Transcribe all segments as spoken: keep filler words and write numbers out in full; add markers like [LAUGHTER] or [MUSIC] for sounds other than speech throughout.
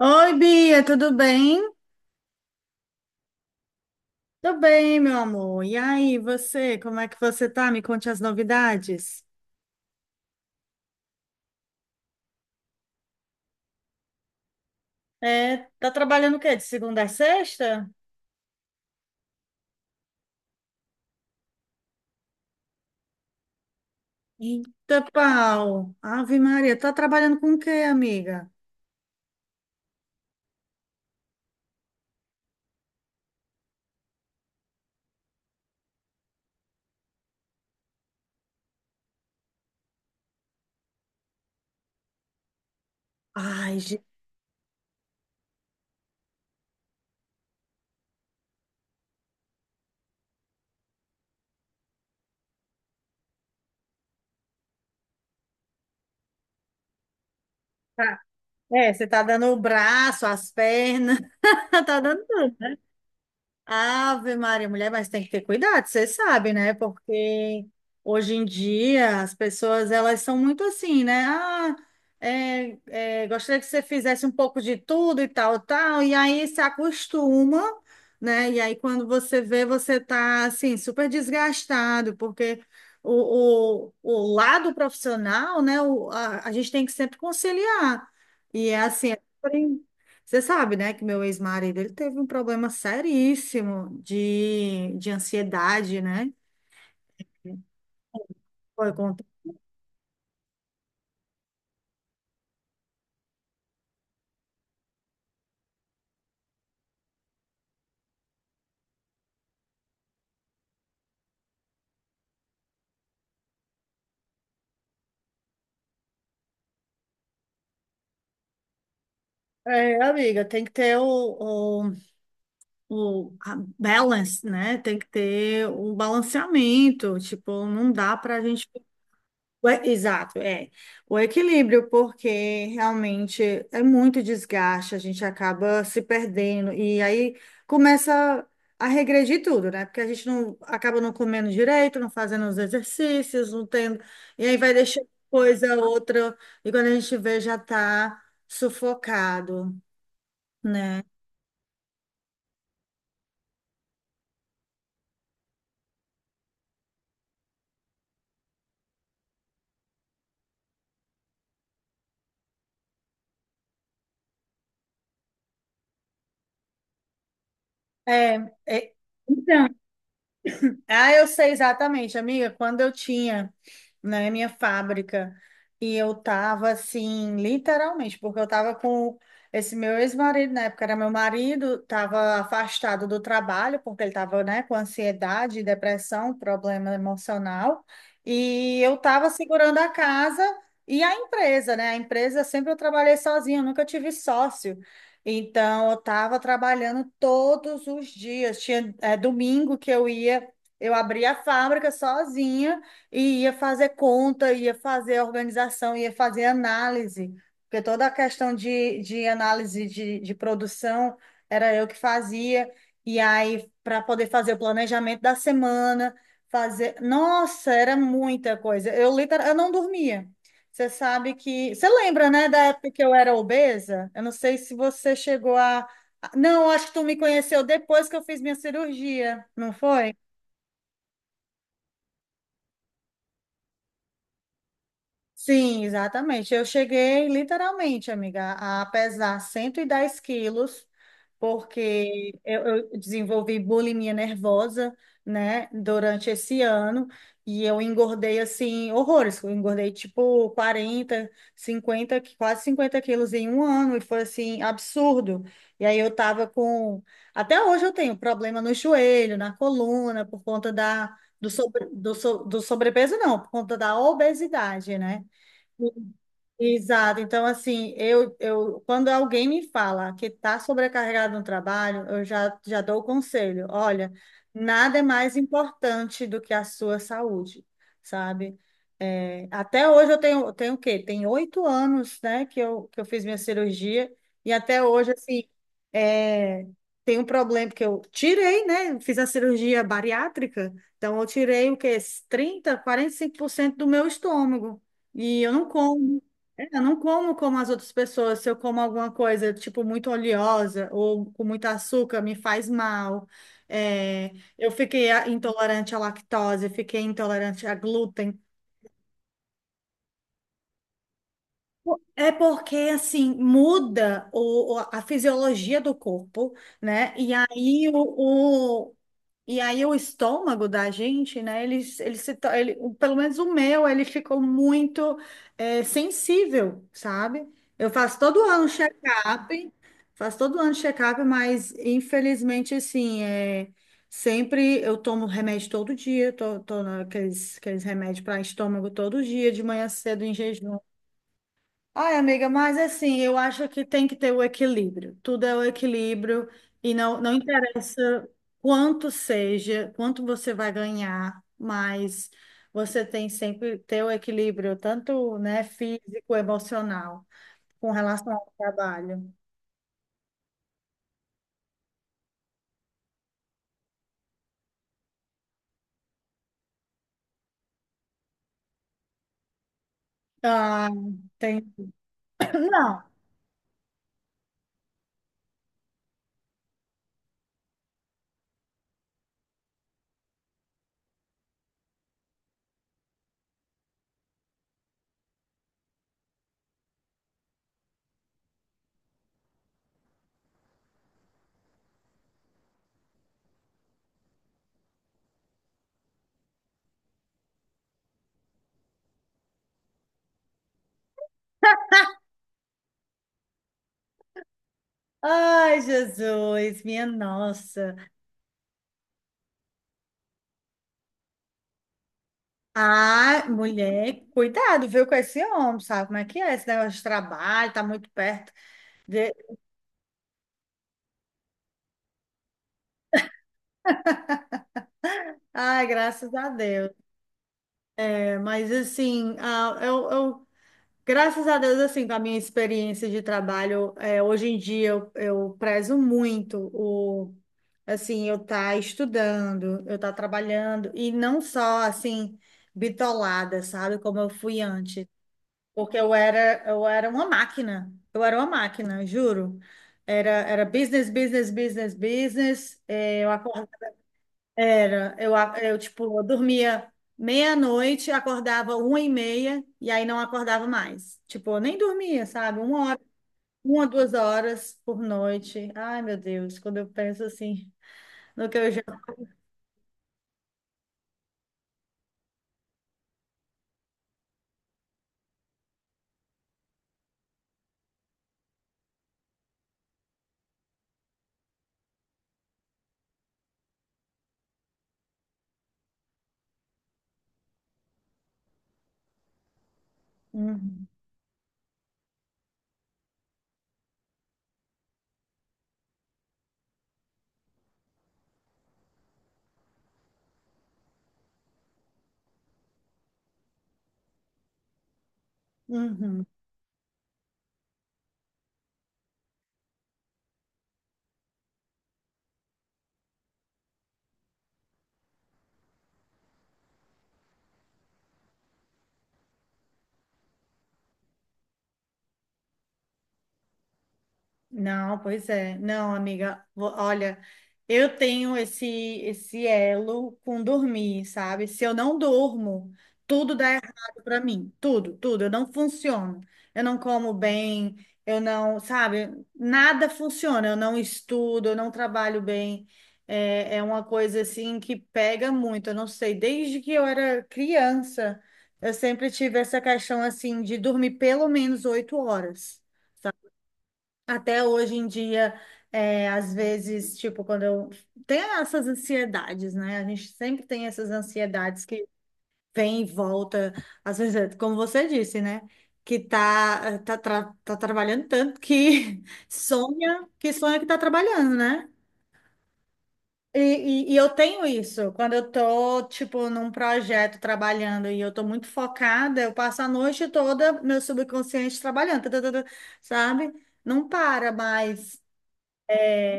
Oi, Bia, tudo bem? Tudo bem, meu amor. E aí, você, como é que você tá? Me conte as novidades. É, tá trabalhando o quê? De segunda a sexta? Eita, pau. Ave Maria, tá trabalhando com o quê, amiga? Ai, gente. tá- É, você tá dando o braço, as pernas, [LAUGHS] tá dando tudo. Ave Maria, mulher, mas tem que ter cuidado, você sabe, né? Porque hoje em dia as pessoas elas são muito assim, né? Ah, é, é, gostaria que você fizesse um pouco de tudo e tal, tal, e aí se acostuma, né? E aí quando você vê, você tá assim, super desgastado, porque o, o, o lado profissional, né? O, a, a gente tem que sempre conciliar. E é assim, é você sabe, né, que meu ex-marido, ele teve um problema seríssimo de, de ansiedade, né? Foi contra... É, amiga, tem que ter o, o, o a balance, né? Tem que ter o balanceamento. Tipo, não dá pra gente. O e- Exato, é. O equilíbrio, porque realmente é muito desgaste, a gente acaba se perdendo e aí começa a regredir tudo, né? Porque a gente não acaba não comendo direito, não fazendo os exercícios, não tendo, e aí vai deixando coisa outra, e quando a gente vê já tá sufocado, né? É, é, então, Ah, eu sei exatamente, amiga. Quando eu tinha, né, minha fábrica e eu tava assim, literalmente, porque eu tava com esse meu ex-marido, na época era meu marido, tava afastado do trabalho, porque ele tava, né, com ansiedade, depressão, problema emocional, e eu tava segurando a casa e a empresa, né? A empresa sempre eu trabalhei sozinha, eu nunca tive sócio. Então, eu estava trabalhando todos os dias. Tinha, eh, domingo que eu ia eu abri a fábrica sozinha e ia fazer conta, ia fazer organização, ia fazer análise, porque toda a questão de, de análise de, de produção era eu que fazia, e aí para poder fazer o planejamento da semana, fazer. Nossa, era muita coisa. Eu, literal, eu não dormia. Você sabe que. Você lembra, né, da época que eu era obesa? Eu não sei se você chegou a. Não, acho que tu me conheceu depois que eu fiz minha cirurgia, não foi? Sim, exatamente. Eu cheguei literalmente, amiga, a pesar cento e dez quilos, porque eu, eu desenvolvi bulimia nervosa, né, durante esse ano, e eu engordei assim, horrores. Eu engordei tipo quarenta cinquenta qui- quase cinquenta quilos em um ano, e foi assim, absurdo. E aí eu tava com. Até hoje eu tenho problema no joelho, na coluna, por conta da. Do, sobre, do, so- do sobrepeso, não, por conta da obesidade, né? Me Exato. Então, assim, eu, eu quando alguém me fala que está sobrecarregado no trabalho, eu já, já dou o conselho. Olha, nada é mais importante do que a sua saúde, sabe? É, até hoje eu tenho, tenho o quê? Tem oito anos, né, que eu, que eu fiz minha cirurgia e até hoje, assim, é, tem um problema que eu tirei, né? Fiz a cirurgia bariátrica, então eu tirei o quê? Trinta, quarenta e cinco por cento do meu estômago. E eu não como. É, Eu não como como as outras pessoas. Se eu como alguma coisa, tipo, muito oleosa ou com muito açúcar, me faz mal. É, eu fiquei a- intolerante à lactose, fiquei intolerante a glúten. É porque, assim, muda o, o- a fisiologia do corpo, né? E aí o, E aí o estômago da gente, né? Ele, ele se, to- ele, o- pelo menos o meu, ele ficou muito eh, sensível, sabe? Eu faço todo ano check-up, faço todo ano check-up, mas infelizmente assim, é, sempre eu tomo remédio todo dia, tô, tô naqueles, aqueles remédios para estômago todo dia, de manhã cedo em jejum. Ai, amiga, mas assim, eu acho que tem que ter o equilíbrio. Tudo é o equilíbrio e não, não interessa quanto seja, quanto você vai ganhar, mas você tem sempre que ter o equilíbrio, tanto, né, físico, emocional, com relação ao trabalho. Ah, tem. [LAUGHS] Não. Ai, Jesus, minha nossa. Ah, mulher, cuidado, viu, com esse homem, sabe como é que é esse negócio de trabalho, tá muito perto. Ai, graças a Deus. É, mas assim, ah, eu, eu- graças a Deus, assim, com a minha experiência de trabalho, é, hoje em dia eu, eu prezo muito o, assim, eu estar estudando, eu estar trabalhando, e não só, assim, bitolada, sabe, como eu fui antes. Porque eu era, eu era uma máquina, eu era uma máquina, juro. Era, era business, business, business, business. É, eu acordava Era, eu, a- eu tipo, eu dormia meia-noite, acordava uma e meia, e aí não acordava mais. Tipo, eu nem dormia, sabe? Uma hora, uma, duas horas por noite. Ai, meu Deus, quando eu penso assim no que eu já. Uhum, uhum. Não, pois é. Não, amiga, vo- olha, eu tenho esse esse elo com dormir, sabe? Se eu não durmo, tudo dá errado para mim, tudo, tudo, eu não funciono. Eu não como bem, eu não, sabe? Nada funciona, eu não estudo, eu não trabalho bem. É, é uma coisa assim que pega muito. Eu não sei, desde que eu era criança, eu sempre tive essa questão assim de dormir pelo menos oito horas. Até hoje em dia, é, às vezes, tipo, quando eu tenho essas ansiedades, né? A gente sempre tem essas ansiedades que vem e volta, às vezes, é como você disse, né? Que tá, tá, tra- tá trabalhando tanto que [LAUGHS] sonha, que sonha que tá trabalhando, né? E, e, e eu tenho isso, quando eu tô, tipo, num projeto trabalhando e eu tô muito focada, eu passo a noite toda, meu subconsciente trabalhando, tã, tã, tã, tã, sabe? Não para mais.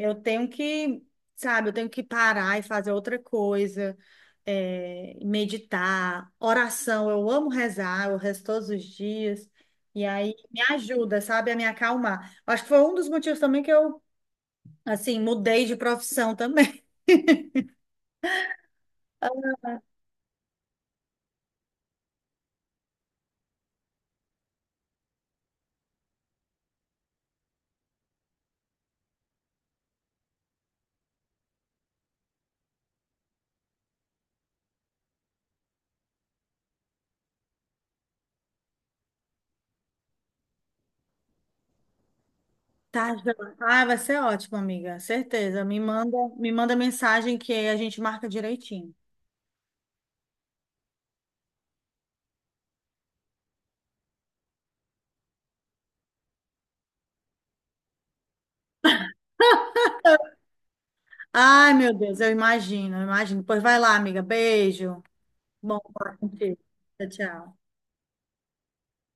Eu tenho que, sabe, eu tenho que parar e fazer outra coisa, é, meditar, oração. Eu amo rezar, eu rezo todos os dias. E aí me ajuda, sabe, a me acalmar. Acho que foi um dos motivos também que eu, assim, mudei de profissão também. [LAUGHS] Tá, Jô? ah, vai ser ótimo, amiga, certeza. Me manda, me manda mensagem que a gente marca direitinho. Ai, meu Deus, eu imagino, eu imagino. Pois vai lá, amiga. Beijo. Bom falar contigo. Tchau, tchau.